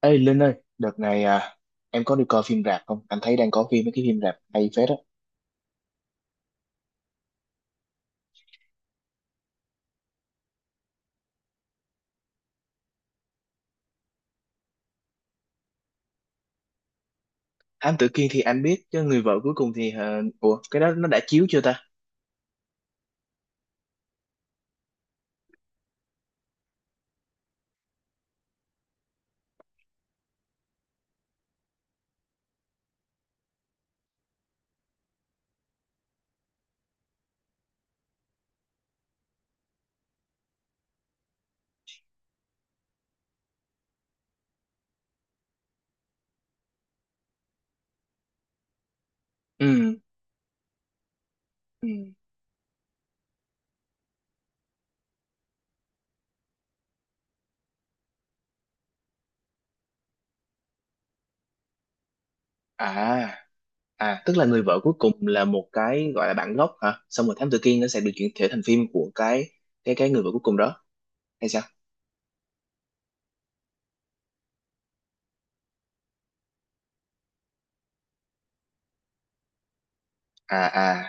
Ê Linh ơi, đợt này em có đi coi phim rạp không? Anh thấy đang có phim mấy cái phim rạp hay phết á. Thám Tử Kiên thì anh biết, chứ người vợ cuối cùng thì ủa cái đó nó đã chiếu chưa ta? Ừ. Ừ. À, à tức là người vợ cuối cùng là một cái gọi là bản gốc hả? Xong rồi Thám Tử Kiên nó sẽ được chuyển thể thành phim của cái người vợ cuối cùng đó hay sao? À à.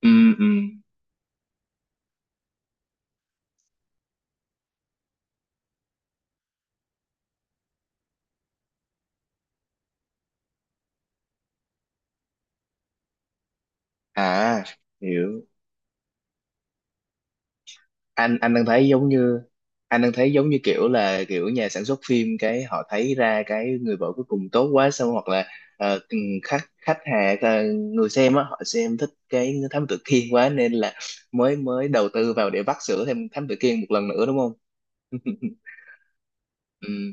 Ừ ừ. À, hiểu. Anh đang thấy giống như anh đang thấy giống như kiểu là kiểu nhà sản xuất phim cái họ thấy ra cái người vợ cuối cùng tốt quá, xong hoặc là ờ, ừ, khách khách hàng, người xem á họ xem thích cái thám tử Kiên quá nên là mới mới đầu tư vào để vắt sữa thêm thám tử Kiên một lần nữa, đúng không? Ừ.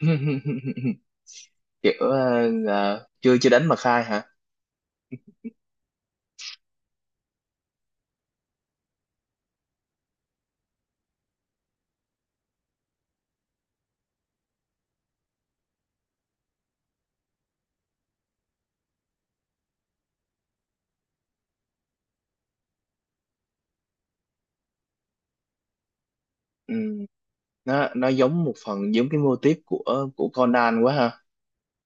Kiểu chưa chưa đánh mà khai hả? Ừ. Nó giống một phần giống cái mô típ của Conan quá ha.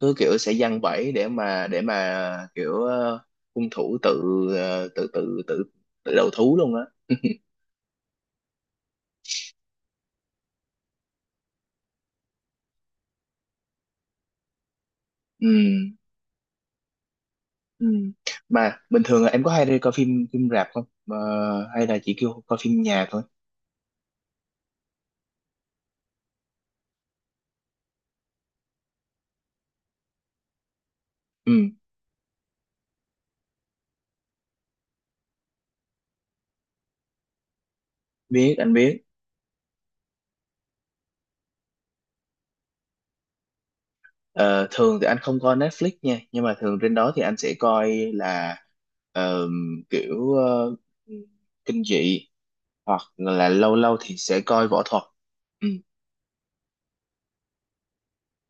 Cứ kiểu sẽ giăng bẫy để mà kiểu hung thủ tự ờ, tự tự tự tự đầu thú luôn á. Ừ, ừ. Mà bình thường là em có hay đi coi phim phim rạp không? Ờ, hay là chỉ kêu coi phim nhà thôi? Ừ, biết anh biết. Ờ, thường thì anh không coi Netflix nha, nhưng mà thường trên đó thì anh sẽ coi là ờ, kiểu ờ, kinh dị hoặc là lâu lâu thì sẽ coi võ thuật. Ừ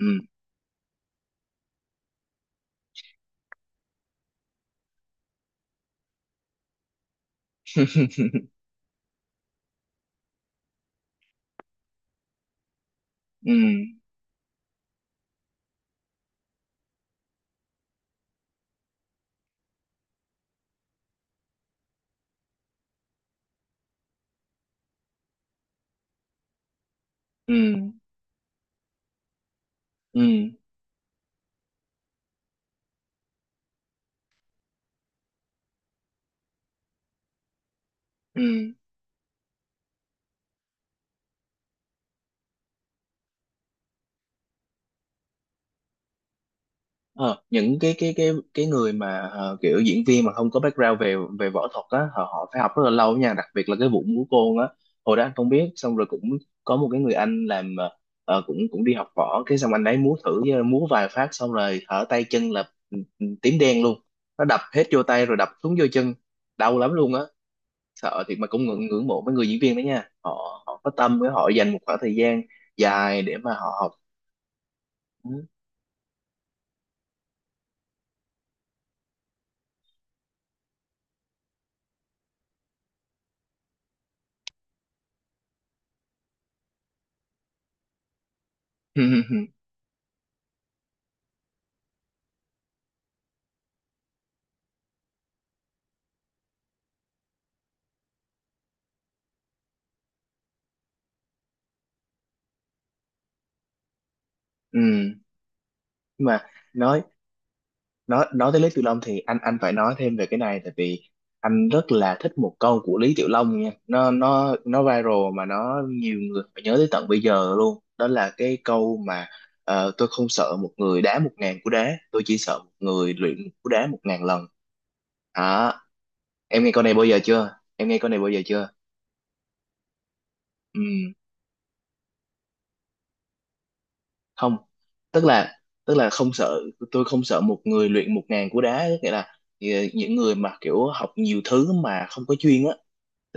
ừ ừ ừ ừ ừ. Ờ, những cái người mà kiểu diễn viên mà không có background về về võ thuật á, họ, họ phải học rất là lâu nha, đặc biệt là cái vụ múa côn á. Hồi đó anh không biết, xong rồi cũng có một cái người anh làm cũng cũng đi học võ, cái xong anh ấy múa thử, múa vài phát xong rồi hở tay chân là ừ, ừ, tím đen luôn. Nó đập hết vô tay rồi đập xuống vô chân, đau lắm luôn á. Sợ thiệt mà cũng ngưỡng ngưỡng mộ mấy người diễn viên đó nha, họ họ có tâm với họ dành một khoảng thời gian dài để mà họ học. Ừ. Ừ, ừ. Nhưng mà nói nói nói tới Lý Tiểu Long thì anh phải nói thêm về cái này, tại vì anh rất là thích một câu của Lý Tiểu Long nha. Nó nó viral mà nó nhiều người phải nhớ tới tận bây giờ luôn. Đó là cái câu mà tôi không sợ một người đá 1000 cú đá, tôi chỉ sợ một người luyện một cú đá 1000 lần. Đó, em nghe câu này bao giờ chưa? Em nghe câu này bao giờ chưa? Ừ, không, tức là không sợ, tôi không sợ một người luyện 1000 cú đá, nghĩa là ờ, những người mà kiểu học nhiều thứ mà không có chuyên á.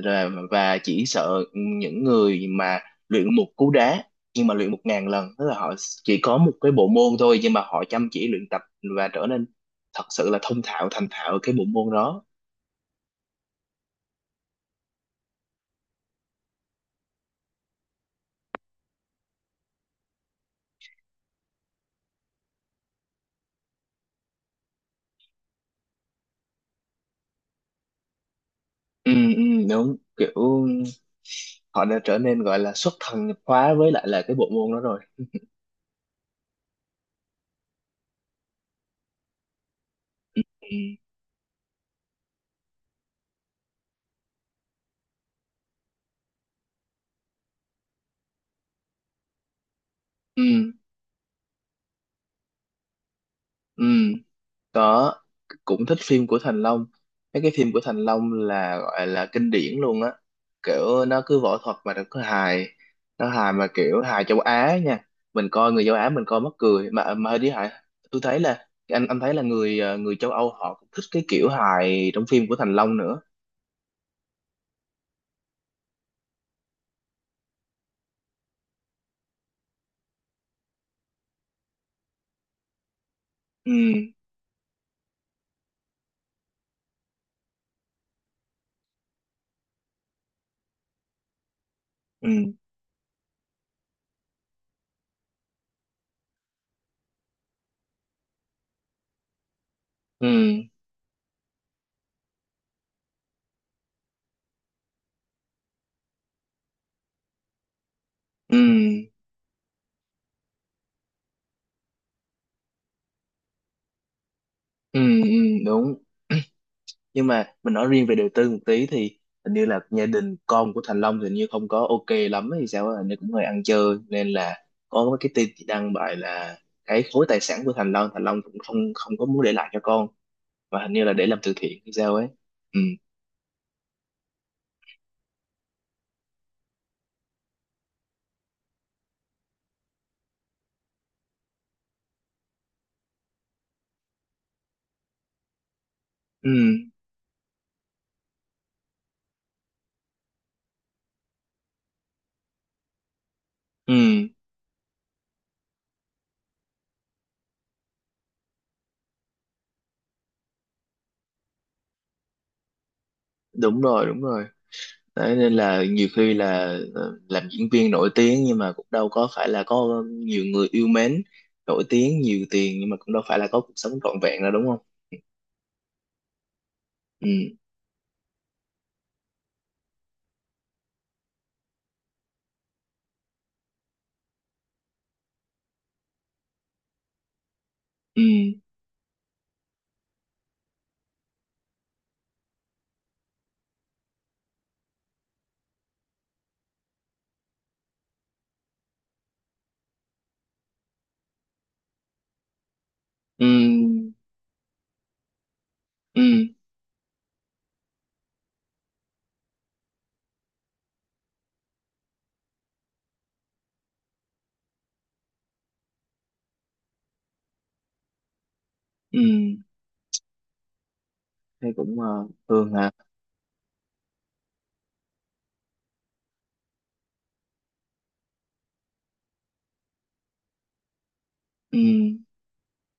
Rồi, và chỉ sợ những người mà luyện một cú đá nhưng mà luyện một ngàn lần, tức là họ chỉ có một cái bộ môn thôi nhưng mà họ chăm chỉ luyện tập và trở nên thật sự là thông thạo thành thạo cái bộ môn đó. ừ, ừ, Đúng, kiểu họ đã trở nên gọi là xuất thần nhập hóa với lại là cái bộ môn đó rồi. Ừ, ừ. Ừ. Có, cũng thích phim của Thành Long. Mấy cái phim của Thành Long là gọi là kinh điển luôn á, kiểu nó cứ võ thuật mà nó cứ hài. Nó hài mà kiểu hài châu Á nha, mình coi người châu Á mình coi mắc cười mà đi hài. Tôi thấy là anh thấy là người người châu Âu họ cũng thích cái kiểu hài trong phim của Thành Long nữa. Ừ ừ ừ ừ ừ, ừ đúng. Nhưng mà mình nói riêng về đời tư một tí thì hình như là gia đình con của Thành Long thì hình như không có ok lắm hay sao á, hình như cũng hơi ăn chơi nên là có cái tin chị đăng bài là cái khối tài sản của Thành Long, Thành Long cũng không không có muốn để lại cho con, và hình như là để làm từ thiện hay sao ấy. Ừ ừ ừ. Đúng rồi, đúng rồi. Đấy, nên là nhiều khi là làm diễn viên nổi tiếng nhưng mà cũng đâu có phải là có nhiều người yêu mến, nổi tiếng nhiều tiền nhưng mà cũng đâu phải là có cuộc sống trọn vẹn đâu, đúng không? Ừ ừ ừ ừ ừ. Thấy cũng thường hả? Ừ,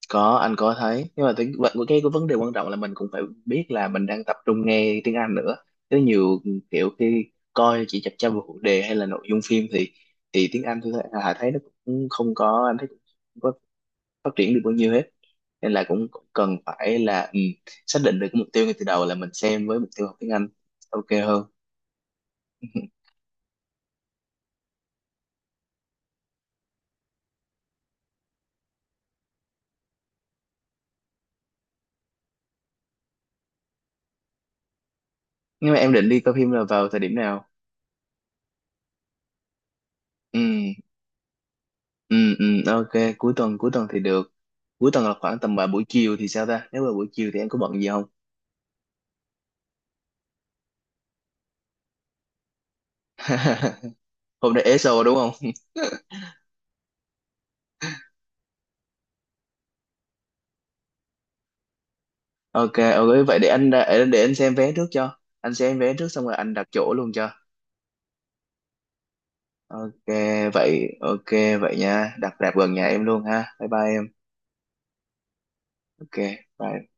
có anh có thấy, nhưng mà tiếng vậy cái vấn đề quan trọng là mình cũng phải biết là mình đang tập trung nghe tiếng Anh nữa, chứ nhiều kiểu khi coi chỉ chập chờn vào phụ đề hay là nội dung phim thì tiếng Anh tôi thấy, Hà thấy nó cũng không có, anh thấy cũng không có phát triển được bao nhiêu hết. Nên là cũng cần phải là xác định được cái mục tiêu ngay từ đầu là mình xem với mục tiêu học tiếng Anh, ok hơn. Nhưng mà em định đi coi phim là vào thời điểm nào? Ừ ừ ừ. Ok, cuối tuần thì được. Cuối tuần là khoảng tầm vào buổi chiều thì sao ta, nếu mà buổi chiều thì em có bận gì không? Hôm nay ế sô đúng không? Ok ok, vậy để anh ra- để anh xem vé trước, cho anh xem vé trước xong rồi anh đặt chỗ luôn cho. Ok vậy ok, vậy nha, đặt rạp gần nhà em luôn ha, bye bye em. Ok bye.